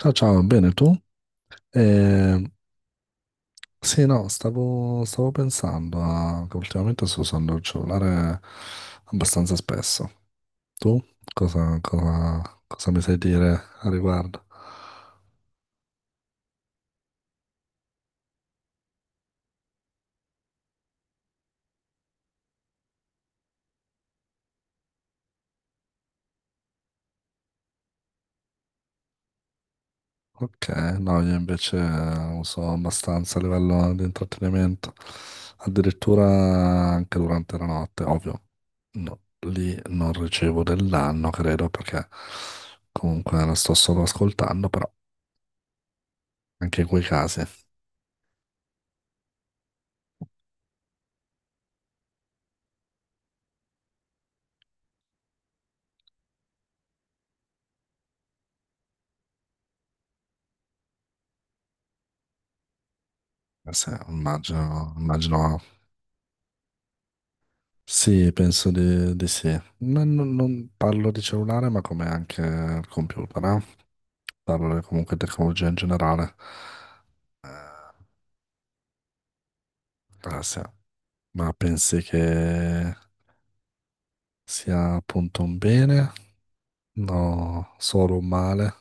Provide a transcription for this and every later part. Ciao, ciao, bene tu? Eh, sì, no, stavo pensando che ultimamente sto usando il cellulare abbastanza spesso. Tu cosa mi sai dire a riguardo? Ok, no, io invece uso abbastanza a livello di intrattenimento, addirittura anche durante la notte, ovvio. No, lì non ricevo del danno, credo, perché comunque la sto solo ascoltando, però anche in quei casi. Sì, immagino, immagino. Sì, penso di sì. Non parlo di cellulare, ma come anche il computer, eh? Parlo comunque di tecnologia in generale. Eh, ah, sì. Ma pensi che sia appunto un bene? No, solo un male.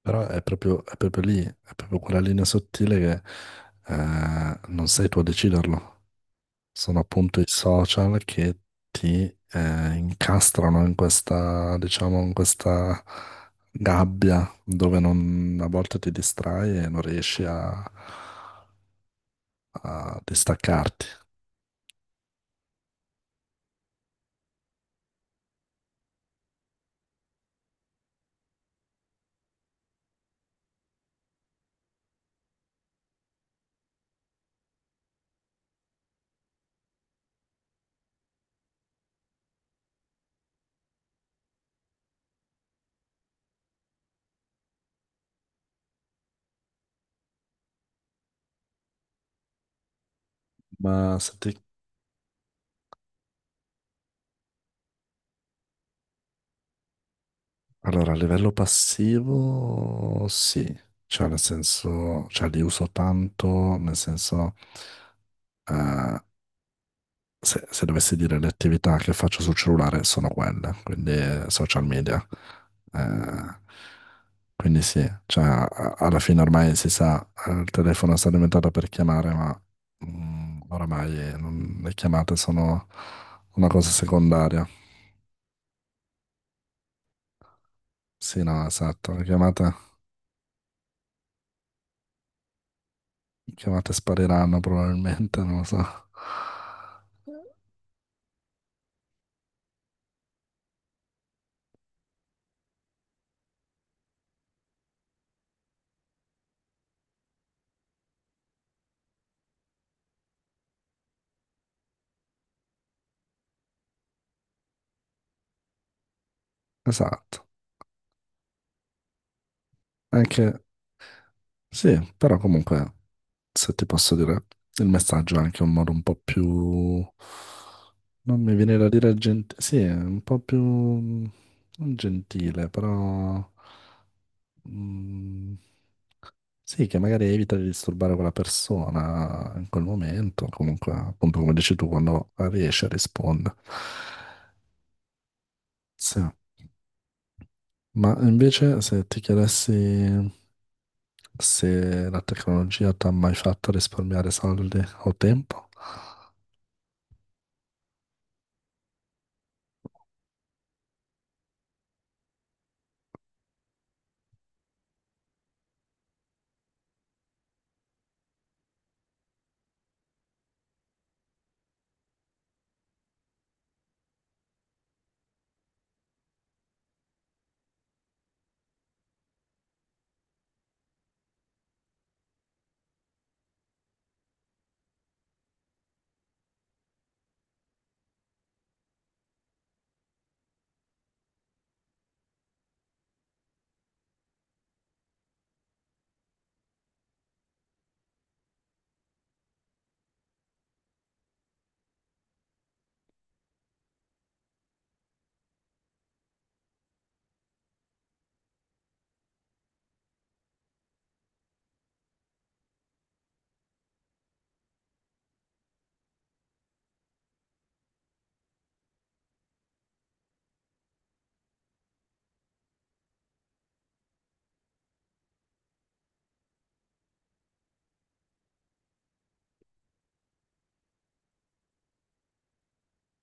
Però è proprio lì, è proprio quella linea sottile che non sei tu a deciderlo. Sono appunto i social che ti incastrano in questa, diciamo, in questa gabbia dove a volte ti distrai e non riesci a distaccarti. Ma se ti- Allora, a livello passivo, sì, cioè nel senso, cioè li uso tanto, nel senso... eh, se, se dovessi dire le attività che faccio sul cellulare sono quelle, quindi social media. Eh, quindi sì, cioè, alla fine ormai si sa, il telefono sta diventato per chiamare, ma oramai le chiamate sono una cosa secondaria. Sì, no, esatto, le chiamate spariranno probabilmente, non lo so. Esatto, anche sì, però comunque. Se ti posso dire, il messaggio è anche un modo un po' più... Non mi viene da dire gentile, sì, è un po' più... non gentile, però... mm, sì, che magari evita di disturbare quella persona in quel momento, comunque, appunto come dici tu, quando riesci a rispondere. Sì, ma invece se ti chiedessi se la tecnologia ti ha mai fatto risparmiare soldi o tempo?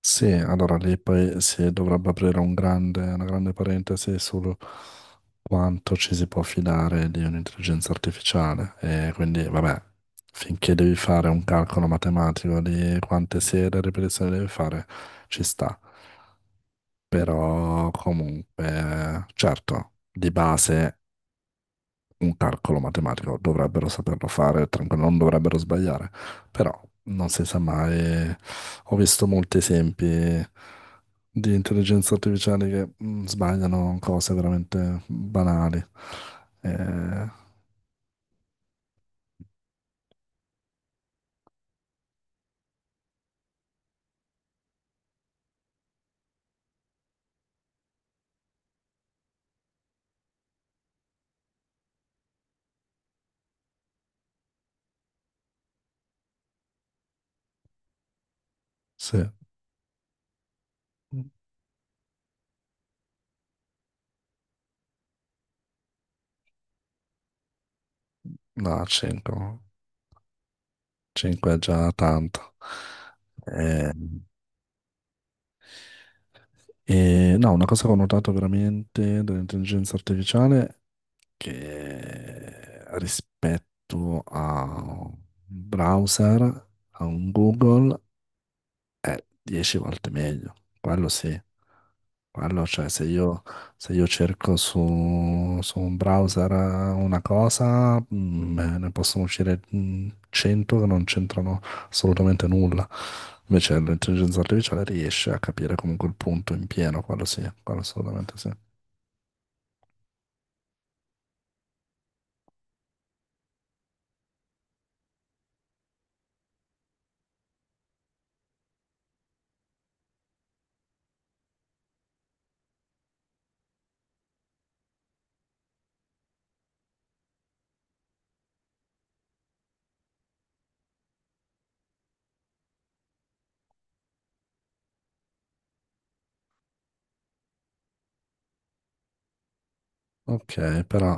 Sì, allora lì poi si dovrebbe aprire un una grande parentesi su quanto ci si può fidare di un'intelligenza artificiale. E quindi, vabbè, finché devi fare un calcolo matematico di quante serie e ripetizioni devi fare, ci sta. Però comunque, certo, di base un calcolo matematico, dovrebbero saperlo fare, tranquillo, non dovrebbero sbagliare, però non si sa mai. Ho visto molti esempi di intelligenze artificiali che sbagliano cose veramente banali. Eh, sì, no, 5, 5 è già tanto. Eh, e no, una cosa che ho notato veramente dell'intelligenza artificiale che rispetto a un browser, a un Google, 10 volte meglio. Quello sì. Quello, cioè, se io cerco su un browser una cosa, beh, ne possono uscire 100 che non c'entrano assolutamente nulla. Invece l'intelligenza artificiale riesce a capire comunque il punto in pieno, quello sì, quello assolutamente sì. Ok, però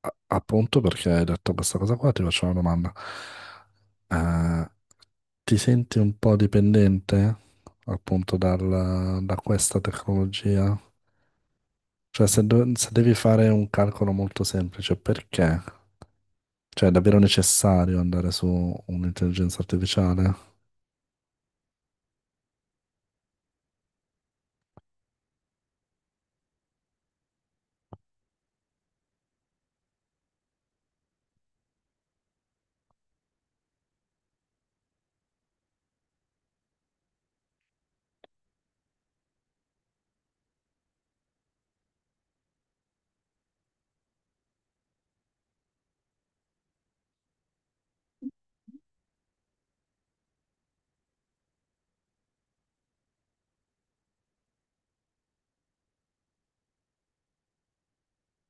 appunto perché hai detto questa cosa qua, ti faccio una domanda. Eh, Ti senti un po' dipendente appunto da questa tecnologia? Cioè, se devi fare un calcolo molto semplice, perché? Cioè, è davvero necessario andare su un'intelligenza artificiale?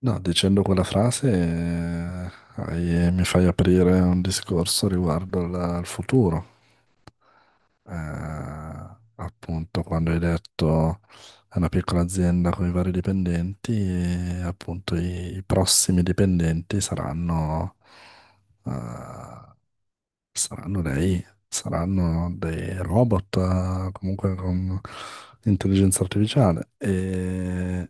No, dicendo quella frase mi fai aprire un discorso riguardo al futuro. Appunto quando hai detto è una piccola azienda con i vari dipendenti, e, appunto i prossimi dipendenti saranno, eh, saranno saranno dei robot, comunque con intelligenza artificiale.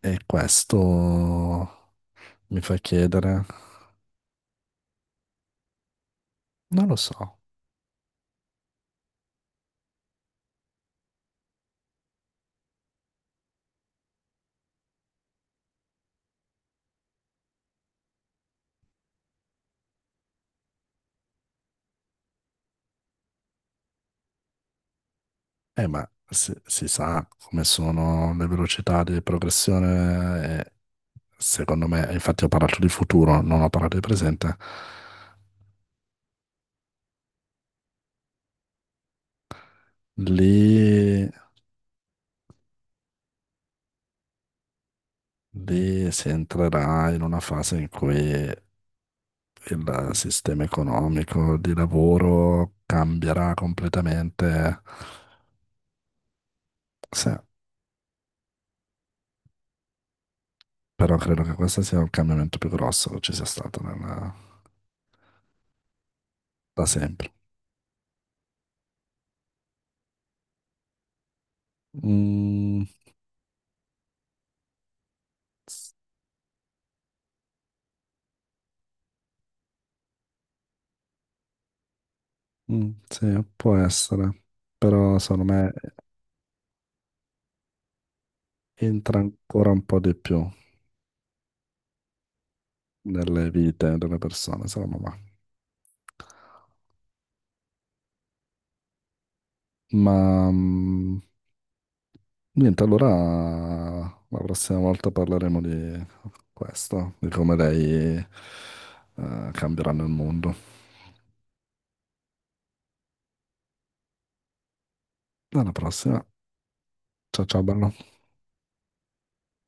E questo mi fa chiedere, non lo so, ma si sa come sono le velocità di progressione secondo me, infatti ho parlato di futuro, non ho parlato di presente, lì, lì si entrerà in una fase in cui il sistema economico di lavoro cambierà completamente. Sì, però credo che questo sia il cambiamento più grosso che ci sia stato da sempre. Mm, s- sì, può essere, però secondo me entra ancora un po' di più nelle vite delle persone, secondo me. Ma mm, Niente, allora la prossima volta parleremo di questo, di come lei cambieranno il mondo. Alla prossima. Ciao ciao, bello.